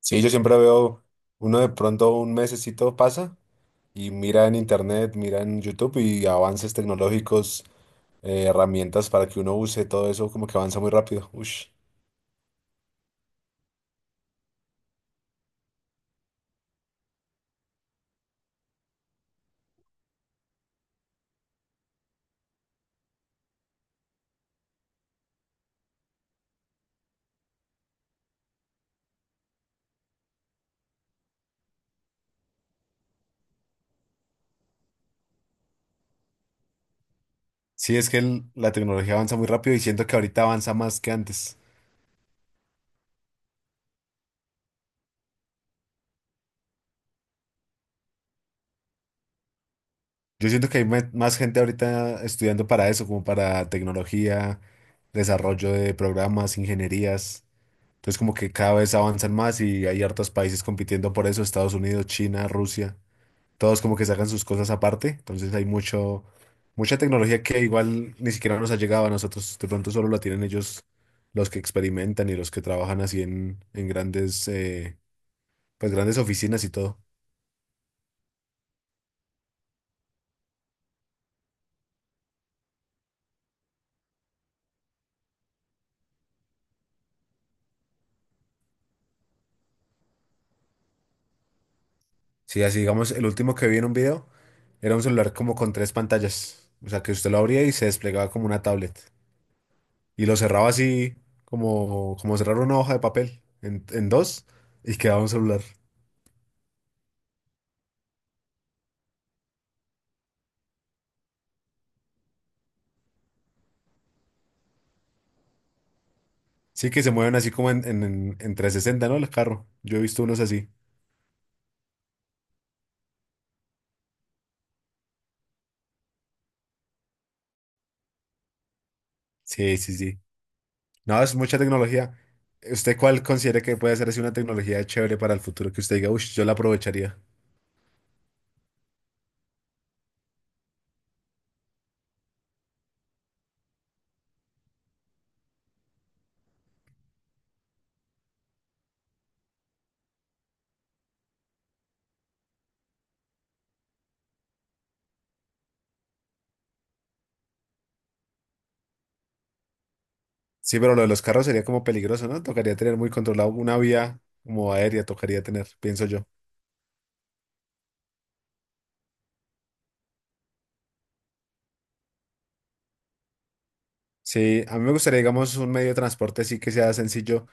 Sí, yo siempre veo, uno de pronto un mesecito pasa y mira en internet, mira en YouTube y avances tecnológicos, herramientas para que uno use todo eso, como que avanza muy rápido. Ush. Sí, es que la tecnología avanza muy rápido y siento que ahorita avanza más que antes. Yo siento que hay más gente ahorita estudiando para eso, como para tecnología, desarrollo de programas, ingenierías. Entonces como que cada vez avanzan más y hay hartos países compitiendo por eso: Estados Unidos, China, Rusia. Todos como que sacan sus cosas aparte, entonces hay mucha tecnología que igual ni siquiera nos ha llegado a nosotros, de pronto solo la tienen ellos, los que experimentan y los que trabajan así en grandes, pues grandes oficinas y todo. Sí, así digamos, el último que vi en un video era un celular como con tres pantallas, o sea que usted lo abría y se desplegaba como una tablet y lo cerraba así como cerrar una hoja de papel en dos y quedaba un celular. Sí, que se mueven así como en 360, ¿no? El carro. Yo he visto unos así. Sí, sí, sí. No, es mucha tecnología. ¿Usted cuál considera que puede ser así una tecnología chévere para el futuro que usted diga, uff, yo la aprovecharía? Sí, pero lo de los carros sería como peligroso, ¿no? Tocaría tener muy controlado una vía como aérea, tocaría tener, pienso yo. Sí, a mí me gustaría, digamos, un medio de transporte así que sea sencillo,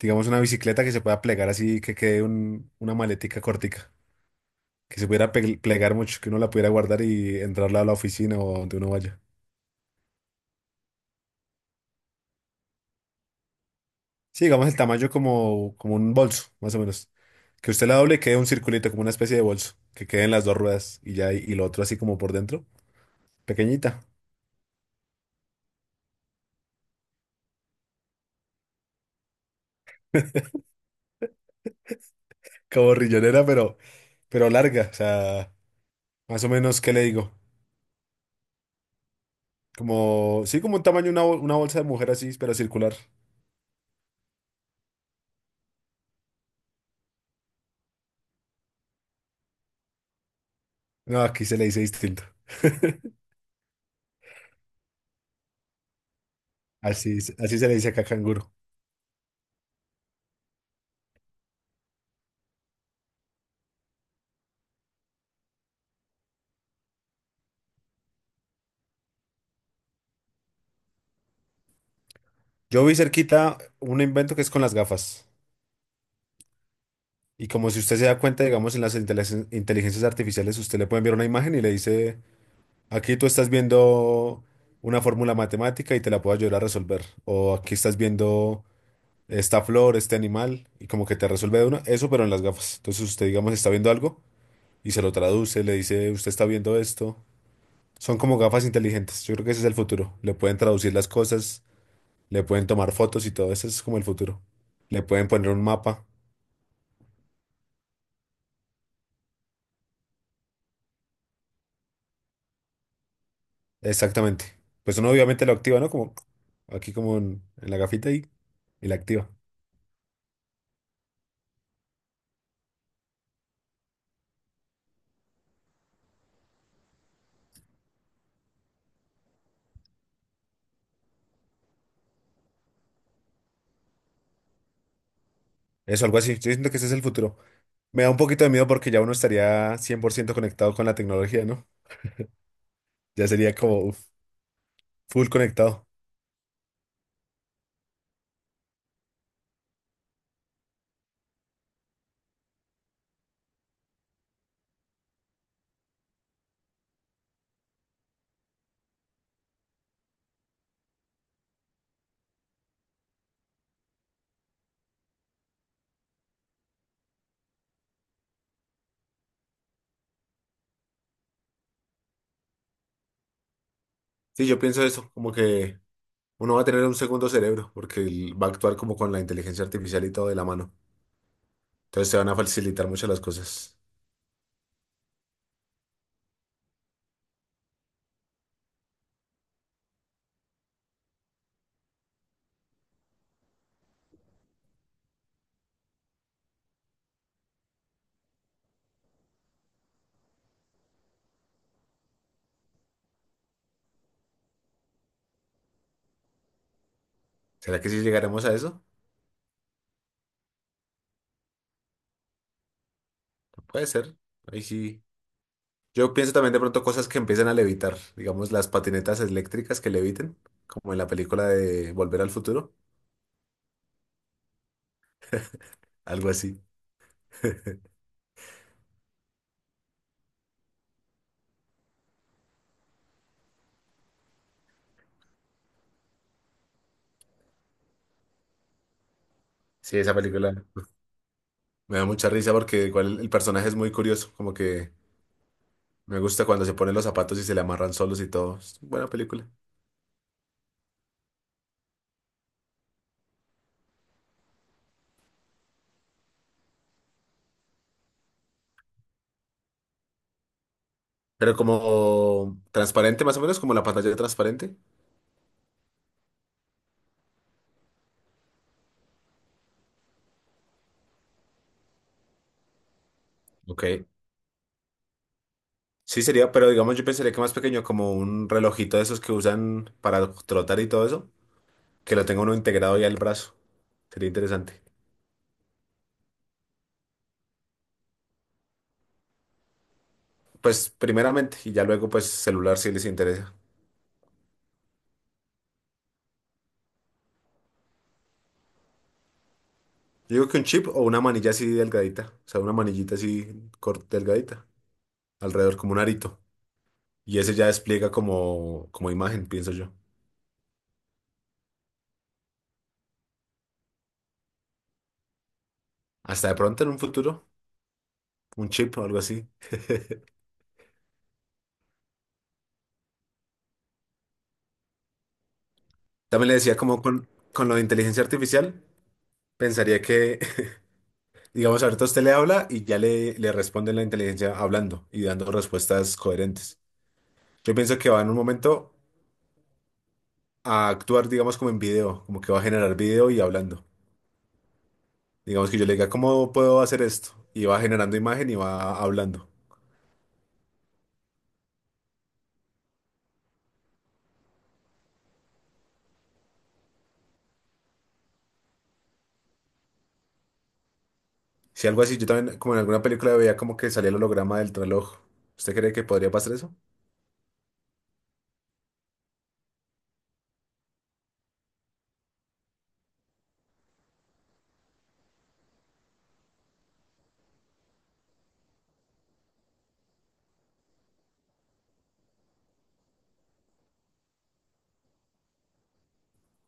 digamos, una bicicleta que se pueda plegar así, que quede una maletica cortica, que se pudiera plegar mucho, que uno la pudiera guardar y entrarla a la oficina o donde uno vaya. Sí, digamos el tamaño como un bolso, más o menos. Que usted la doble y quede un circulito, como una especie de bolso, que queden las dos ruedas y ya, y lo otro así como por dentro, pequeñita, como rillonera, pero larga, o sea, más o menos, ¿qué le digo? Como, sí, como un tamaño, una, una bolsa de mujer así, pero circular. No, aquí se le dice distinto. Así, así se le dice acá canguro. Yo vi cerquita un invento que es con las gafas. Y como si usted se da cuenta, digamos, en las inteligencias artificiales, usted le puede enviar una imagen y le dice: aquí tú estás viendo una fórmula matemática y te la puedo ayudar a resolver. O aquí estás viendo esta flor, este animal, y como que te resuelve de una, eso pero en las gafas. Entonces usted, digamos, está viendo algo y se lo traduce, le dice, usted está viendo esto. Son como gafas inteligentes. Yo creo que ese es el futuro. Le pueden traducir las cosas, le pueden tomar fotos y todo eso es como el futuro. Le pueden poner un mapa. Exactamente. Pues uno obviamente lo activa, ¿no? Como aquí como en la gafita y la activa. Eso, algo así. Yo siento que ese es el futuro. Me da un poquito de miedo porque ya uno estaría 100% conectado con la tecnología, ¿no? Ya sería como uf, full conectado. Sí, yo pienso eso, como que uno va a tener un segundo cerebro, porque va a actuar como con la inteligencia artificial y todo de la mano. Entonces se van a facilitar muchas las cosas. ¿Será que sí llegaremos a eso? Puede ser. Ahí sí. Yo pienso también de pronto cosas que empiezan a levitar, digamos las patinetas eléctricas que leviten, como en la película de Volver al Futuro, algo así. Sí, esa película. Me da mucha risa porque igual el personaje es muy curioso, como que me gusta cuando se ponen los zapatos y se le amarran solos y todo. Es buena película. Pero como transparente más o menos, como la pantalla transparente. Ok. Sí sería, pero digamos yo pensaría que más pequeño, como un relojito de esos que usan para trotar y todo eso, que lo tenga uno integrado ya al brazo. Sería interesante. Pues primeramente, y ya luego pues celular si les interesa. Yo digo que un chip o una manilla así delgadita, o sea, una manillita así delgadita, alrededor como un arito. Y ese ya despliega como, como imagen, pienso yo. Hasta de pronto en un futuro, un chip o algo así. También le decía como con lo de inteligencia artificial, pensaría que, digamos, ahorita usted le habla y ya le responde la inteligencia hablando y dando respuestas coherentes. Yo pienso que va en un momento a actuar, digamos, como en video, como que va a generar video y hablando. Digamos que yo le diga, ¿cómo puedo hacer esto? Y va generando imagen y va hablando. Si algo así, yo también, como en alguna película veía como que salía el holograma del reloj. ¿Usted cree que podría pasar eso?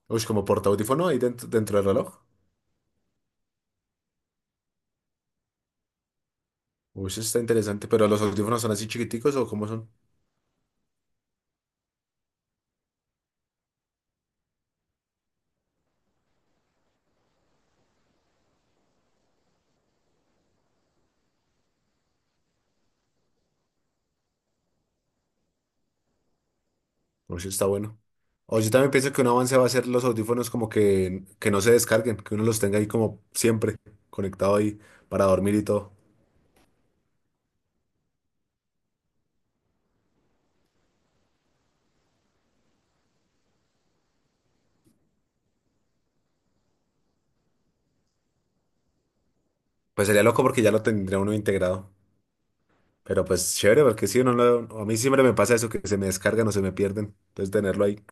Uy, como porta audífono ahí dentro, dentro del reloj. Uy, eso está interesante. ¿Pero los audífonos son así chiquiticos o cómo son? Uy, eso está bueno. O yo también pienso que un avance va a ser los audífonos como que no se descarguen, que uno los tenga ahí como siempre, conectado ahí para dormir y todo. Pues sería loco porque ya lo tendría uno integrado. Pero pues chévere, porque sí, a mí siempre me pasa eso, que se me descargan o se me pierden. Entonces tenerlo ahí.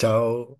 Chao.